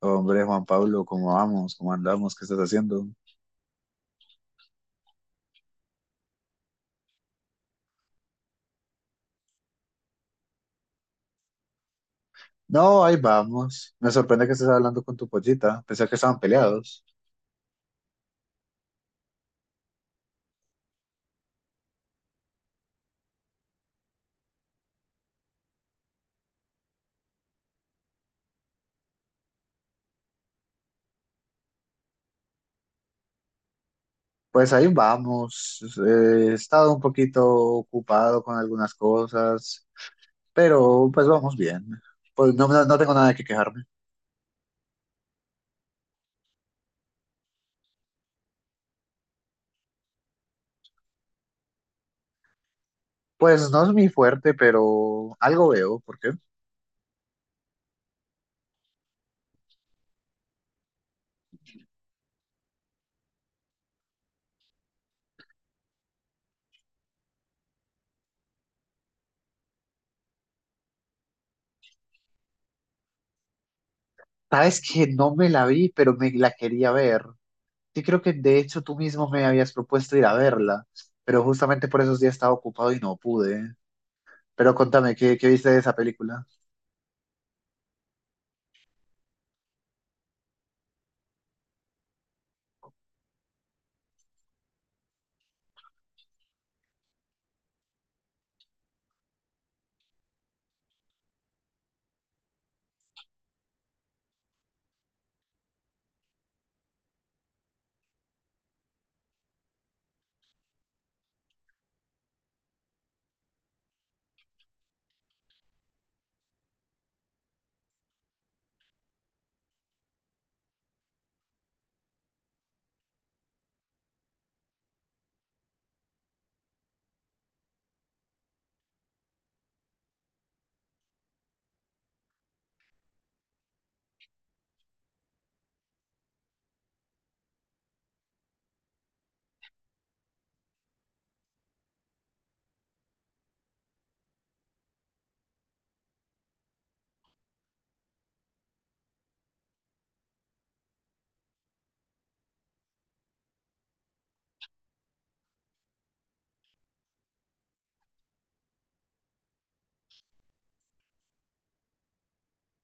Hombre, Juan Pablo, ¿cómo vamos? ¿Cómo andamos? ¿Qué estás haciendo? No, ahí vamos. Me sorprende que estés hablando con tu pollita. Pensé que estaban peleados. Pues ahí vamos. He estado un poquito ocupado con algunas cosas, pero pues vamos bien. Pues no tengo nada que quejarme. Pues no es mi fuerte, pero algo veo. ¿Por qué? Sabes que no me la vi, pero me la quería ver. Sí, creo que de hecho tú mismo me habías propuesto ir a verla, pero justamente por esos días estaba ocupado y no pude. Pero contame, ¿qué viste de esa película?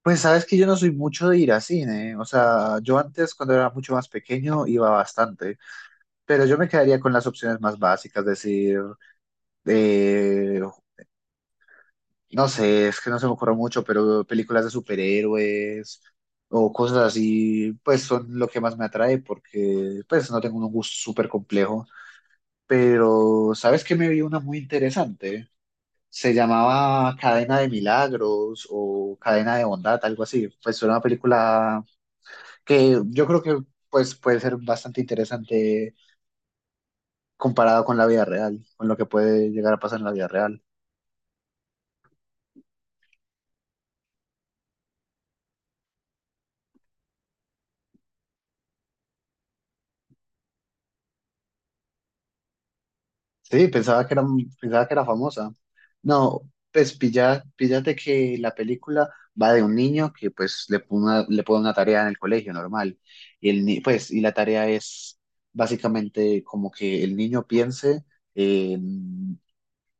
Pues sabes que yo no soy mucho de ir a cine, o sea, yo antes cuando era mucho más pequeño iba bastante, pero yo me quedaría con las opciones más básicas, decir, eh, no sé, es que no se me ocurre mucho, pero películas de superhéroes o cosas así, pues son lo que más me atrae porque pues no tengo un gusto súper complejo, pero sabes que me vi una muy interesante. Se llamaba Cadena de Milagros o Cadena de Bondad, algo así. Pues era una película que yo creo que pues puede ser bastante interesante comparado con la vida real, con lo que puede llegar a pasar en la vida real. Sí, pensaba que era famosa. No, pues pilla, píllate que la película va de un niño que pues le pone una tarea en el colegio normal. Y el, ni- pues, y la tarea es básicamente como que el niño piense en,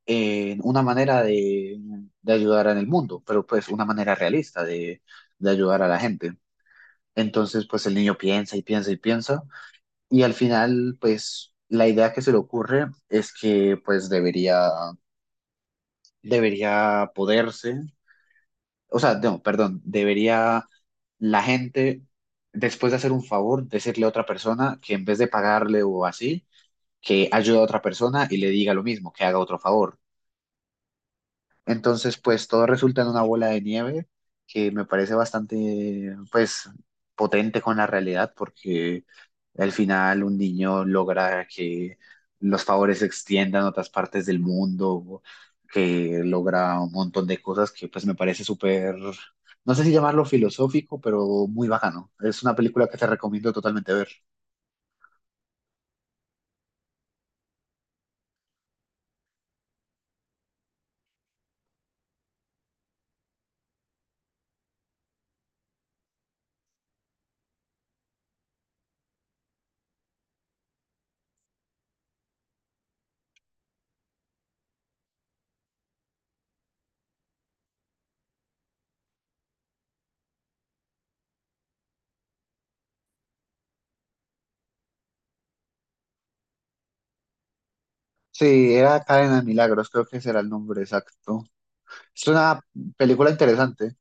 en una manera de ayudar en el mundo, pero pues una manera realista de ayudar a la gente. Entonces, pues el niño piensa y piensa y piensa y al final, pues, la idea que se le ocurre es que, pues, debería poderse, o sea, no, perdón, debería la gente, después de hacer un favor, decirle a otra persona que en vez de pagarle o así, que ayude a otra persona y le diga lo mismo, que haga otro favor. Entonces, pues todo resulta en una bola de nieve que me parece bastante, pues, potente con la realidad porque al final un niño logra que los favores se extiendan a otras partes del mundo, que logra un montón de cosas que pues me parece súper, no sé si llamarlo filosófico, pero muy bacano. Es una película que te recomiendo totalmente ver. Sí, era Cadena de Milagros, creo que será el nombre exacto. Es una película interesante.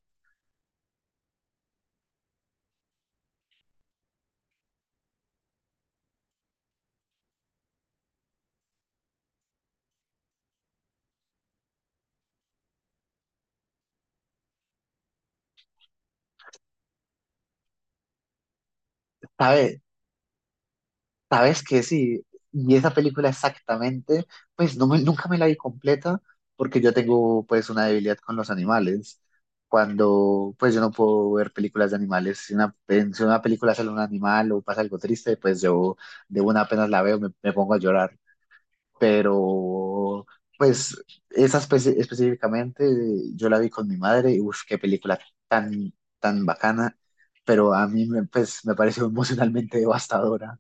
¿Sabe? Sabes que sí, y esa película exactamente, pues nunca me la vi completa porque yo tengo pues una debilidad con los animales. Cuando pues yo no puedo ver películas de animales, si una película sale un animal o pasa algo triste, pues yo de una apenas la veo me pongo a llorar. Pero pues esa específicamente yo la vi con mi madre y uff, qué película tan, tan bacana, pero pues me pareció emocionalmente devastadora.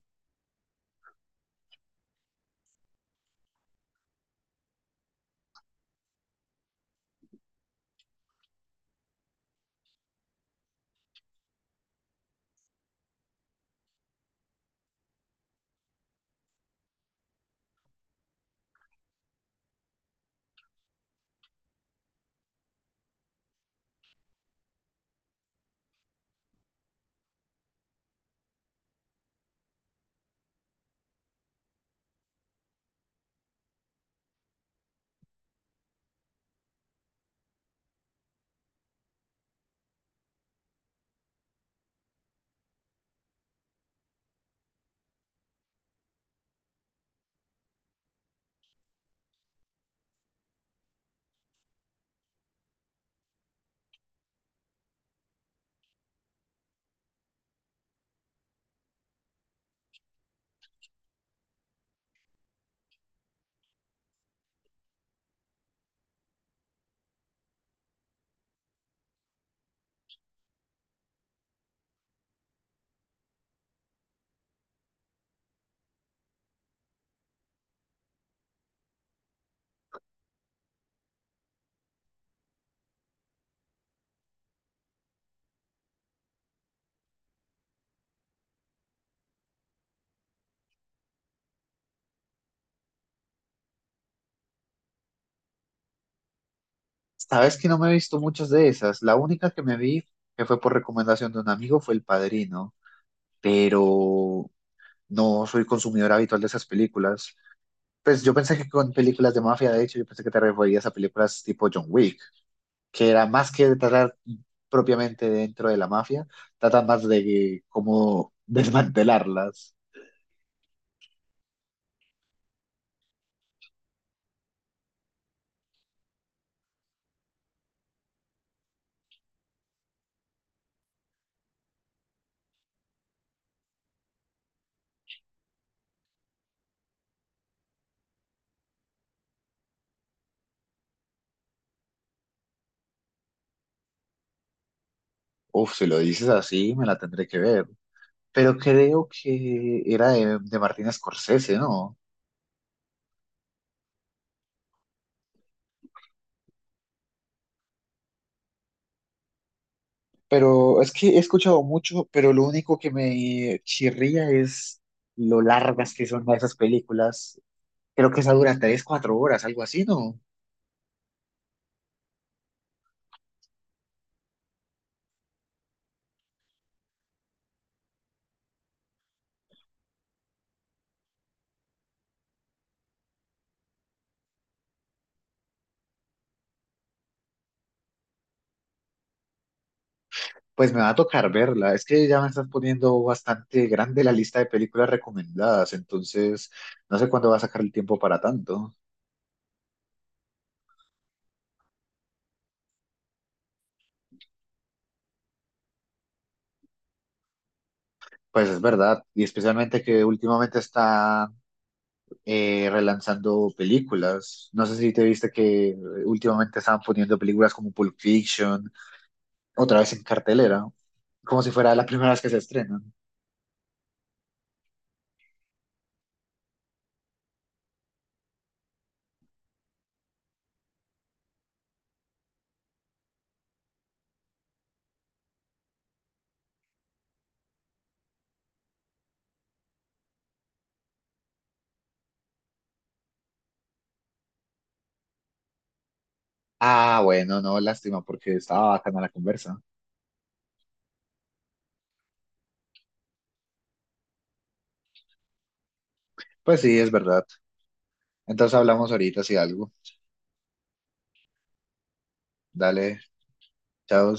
Sabes que no me he visto muchas de esas. La única que me vi, que fue por recomendación de un amigo, fue El Padrino, pero no soy consumidor habitual de esas películas. Pues yo pensé que con películas de mafia, de hecho, yo pensé que te referías a películas tipo John Wick, que era más que tratar propiamente dentro de la mafia, trata más de cómo desmantelarlas. Uf, si lo dices así, me la tendré que ver. Pero creo que era de Martin Scorsese, ¿no? Pero es que he escuchado mucho, pero lo único que me chirría es lo largas que son esas películas. Creo que esa dura tres, cuatro horas, algo así, ¿no? Pues me va a tocar verla. Es que ya me estás poniendo bastante grande la lista de películas recomendadas, entonces no sé cuándo va a sacar el tiempo para tanto. Pues es verdad, y especialmente que últimamente está relanzando películas. No sé si te viste que últimamente estaban poniendo películas como Pulp Fiction otra vez en cartelera. Como si fuera la primera vez que se estrenan. Ah, bueno, no, lástima, porque estaba bacana la conversa. Pues sí, es verdad. Entonces hablamos ahorita si algo. Dale, chao.